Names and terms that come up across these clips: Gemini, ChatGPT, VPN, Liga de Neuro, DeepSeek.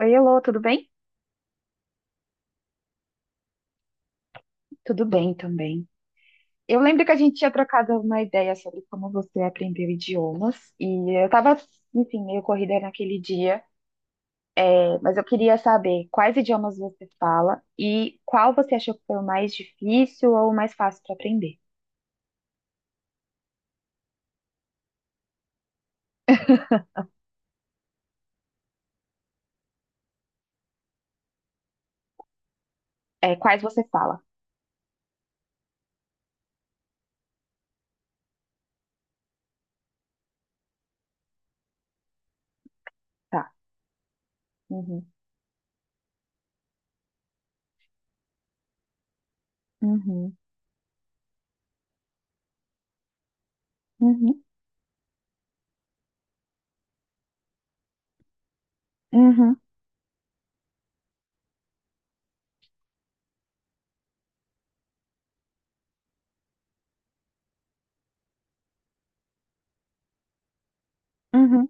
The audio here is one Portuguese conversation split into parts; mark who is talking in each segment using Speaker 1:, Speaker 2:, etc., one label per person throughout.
Speaker 1: Oi, Elô, tudo bem? Tudo bem também. Eu lembro que a gente tinha trocado uma ideia sobre como você aprendeu idiomas, e eu estava, enfim, meio corrida naquele dia, mas eu queria saber quais idiomas você fala e qual você achou que foi o mais difícil ou o mais fácil para aprender. É, quais você fala? Tá. Uhum, uhum, uhum, uhum, uhum.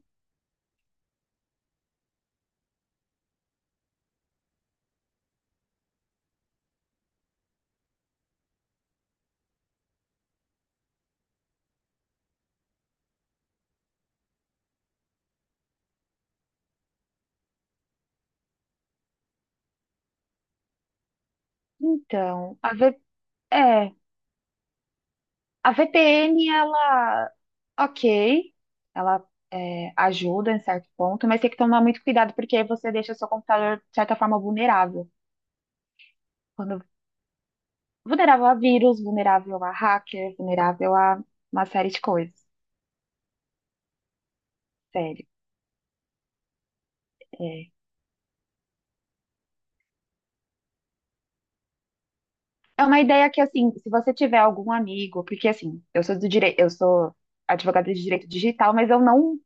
Speaker 1: Então, é, a VPN, ela, ok, ela ajuda em certo ponto, mas tem que tomar muito cuidado porque aí você deixa seu computador, de certa forma, vulnerável. Quando- Vulnerável a vírus, vulnerável a hacker, vulnerável a uma série de coisas. Sério. É, é uma ideia que, assim, se você tiver algum amigo, porque, assim, eu sou do direito, eu sou advogada de direito digital, mas eu não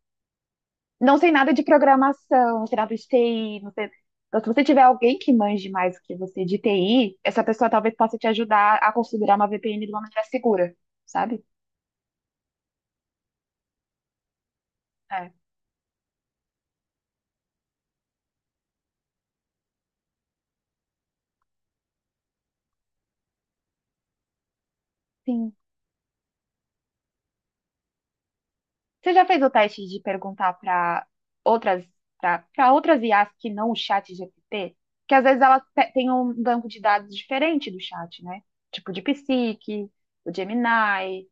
Speaker 1: não sei nada de programação, não sei nada de TI, não sei. Então, se você tiver alguém que manje mais do que você de TI, essa pessoa talvez possa te ajudar a configurar uma VPN de uma maneira segura, sabe? É. Sim. Você já fez o teste de perguntar para outras, para outras IAs que não o chat GPT? Que às vezes elas têm um banco de dados diferente do chat, né? Tipo de DeepSeek, o Gemini.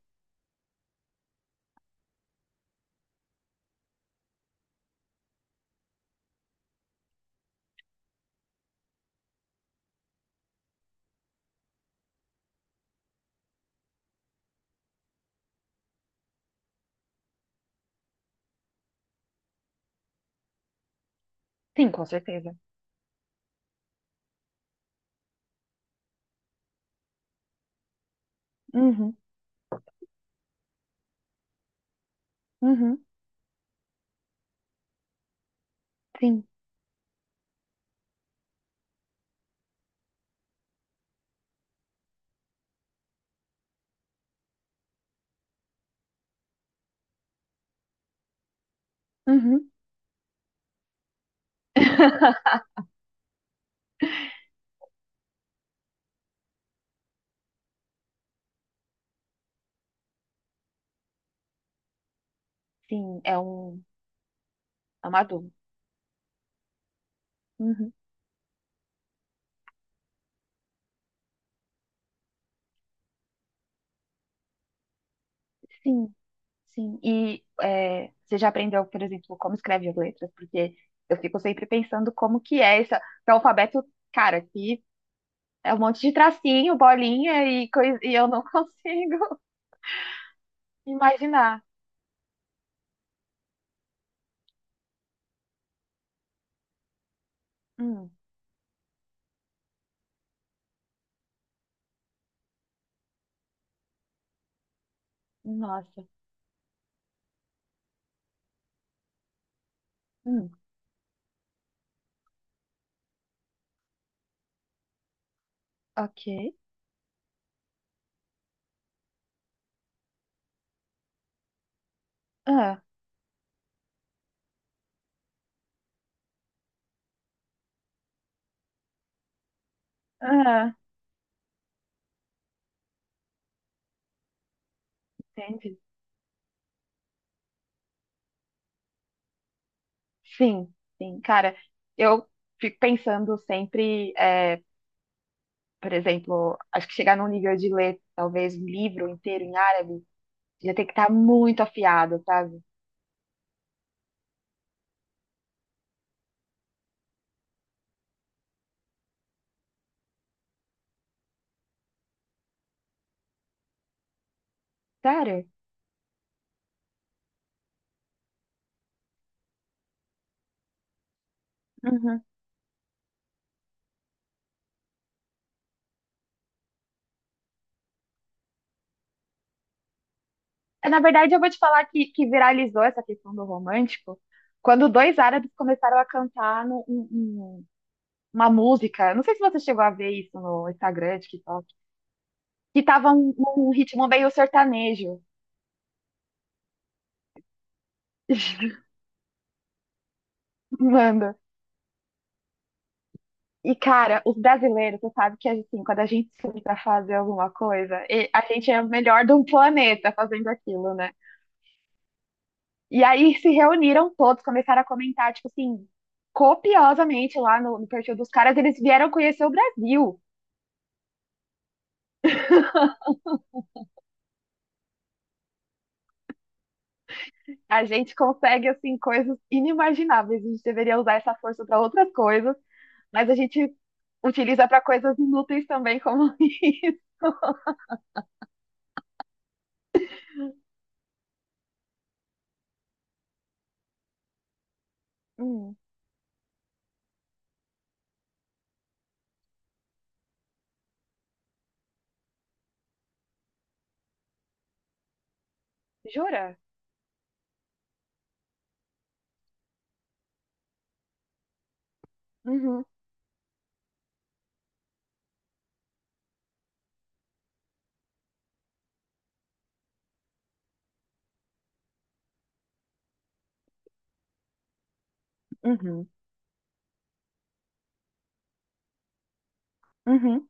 Speaker 1: Sim, com certeza. Uhum, uhum, sim, uhum, sim, é uma dúvida. Uhum. Sim, sim. E você já aprendeu, por exemplo, como escreve as letras? Porque eu fico sempre pensando como que é esse alfabeto, cara, que é um monte de tracinho, bolinha e coisa, e eu não consigo imaginar. Hum, nossa. Hum, ok. Ah, ah, entendi. Sim, sim. Cara, eu fico pensando sempre, por exemplo, acho que chegar num nível de ler talvez um livro inteiro em árabe já tem que estar muito afiado, sabe? Sério? Uhum. É, na verdade, eu vou te falar que viralizou essa questão do romântico quando dois árabes começaram a cantar uma música. Não sei se você chegou a ver isso no Instagram, TikTok, que tava um ritmo meio sertanejo. Manda. E, cara, os brasileiros, você sabe que assim, quando a gente se une pra fazer alguma coisa, a gente é o melhor do planeta fazendo aquilo, né? E aí se reuniram todos, começaram a comentar, tipo assim, copiosamente lá no perfil dos caras, eles vieram conhecer o Brasil. A gente consegue, assim, coisas inimagináveis. A gente deveria usar essa força para outras coisas, mas a gente utiliza para coisas inúteis também, como isso. Hum, jura? Uhum, uhum, uhum.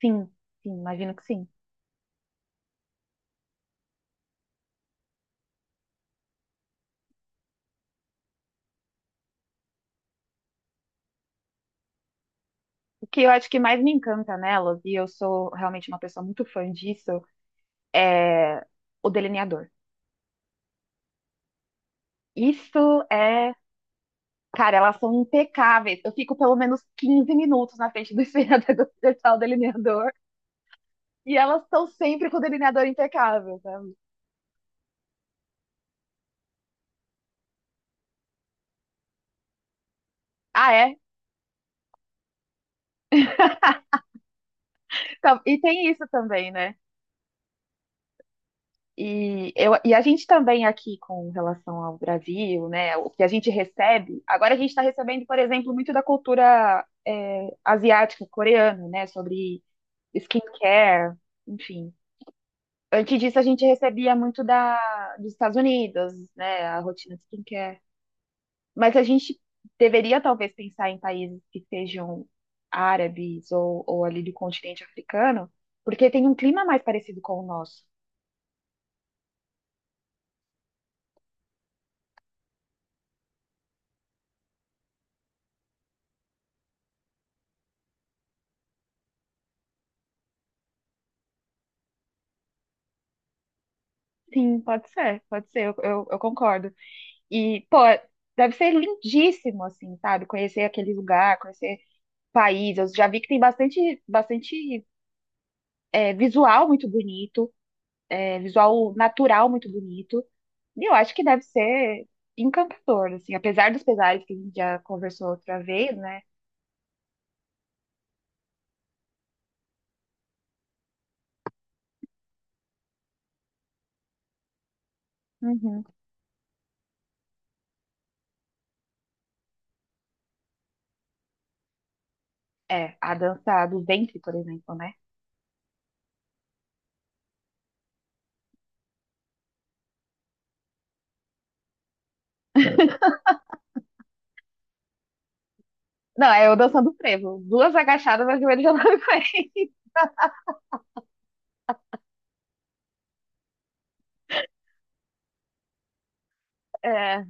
Speaker 1: Sim, sim, imagino que sim. O que eu acho que mais me encanta nelas, e eu sou realmente uma pessoa muito fã disso, é o delineador. Isso é Cara, elas são impecáveis. Eu fico pelo menos 15 minutos na frente do espelhador do digital delineador. E elas estão sempre com o delineador impecável, sabe? Ah, é? Então, e tem isso também, né? E, a gente também aqui com relação ao Brasil, né? O que a gente recebe. Agora a gente está recebendo, por exemplo, muito da cultura, asiática, coreana, né? Sobre skincare, enfim. Antes disso, a gente recebia muito dos Estados Unidos, né? A rotina de skincare. Mas a gente deveria talvez pensar em países que sejam árabes ou ali do continente africano, porque tem um clima mais parecido com o nosso. Sim, pode ser, eu concordo. E, pô, deve ser lindíssimo, assim, sabe? Conhecer aquele lugar, conhecer o país. Eu já vi que tem bastante visual muito bonito, visual natural muito bonito. E eu acho que deve ser encantador, assim, apesar dos pesares que a gente já conversou outra vez, né? Uhum. É, a dança do ventre, por exemplo, né? Não, é eu dançando frevo. Duas agachadas, meu joelho já não aguenta. É,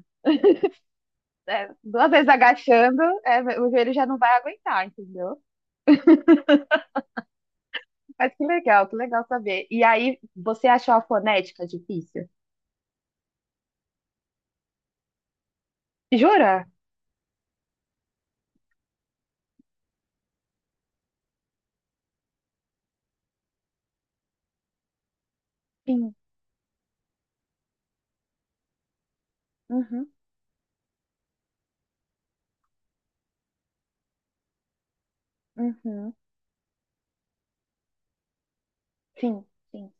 Speaker 1: é, duas vezes agachando, o joelho já não vai aguentar, entendeu? Mas que legal saber. E aí, você achou a fonética difícil? Jura? Sim. Uhum, uhum. Sim, sim.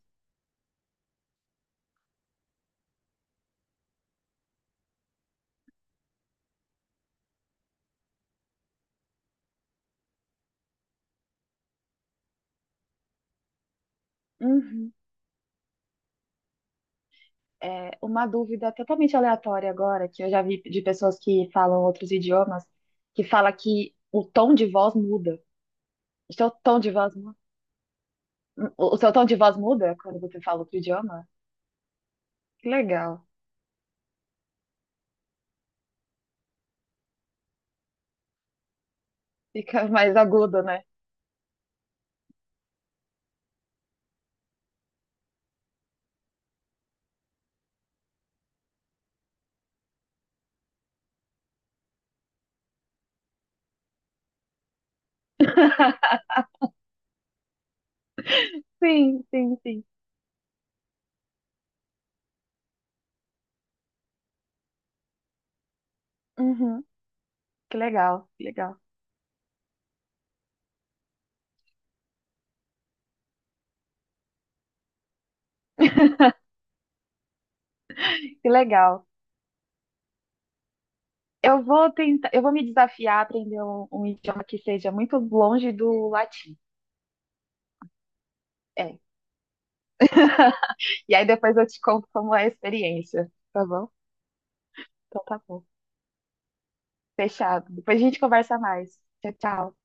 Speaker 1: Uhum. É, uma dúvida totalmente aleatória agora, que eu já vi de pessoas que falam outros idiomas, que fala que o tom de voz muda. O seu tom de voz muda. O seu tom de voz muda quando você fala outro idioma? Que legal. Fica mais agudo, né? Sim, sim, sim. Uhum. Que legal, que legal, que legal. Eu vou tentar, eu vou me desafiar a aprender um idioma que seja muito longe do latim. É. E aí depois eu te conto como é a experiência, tá bom? Então tá bom. Fechado. Depois a gente conversa mais. Tchau, tchau.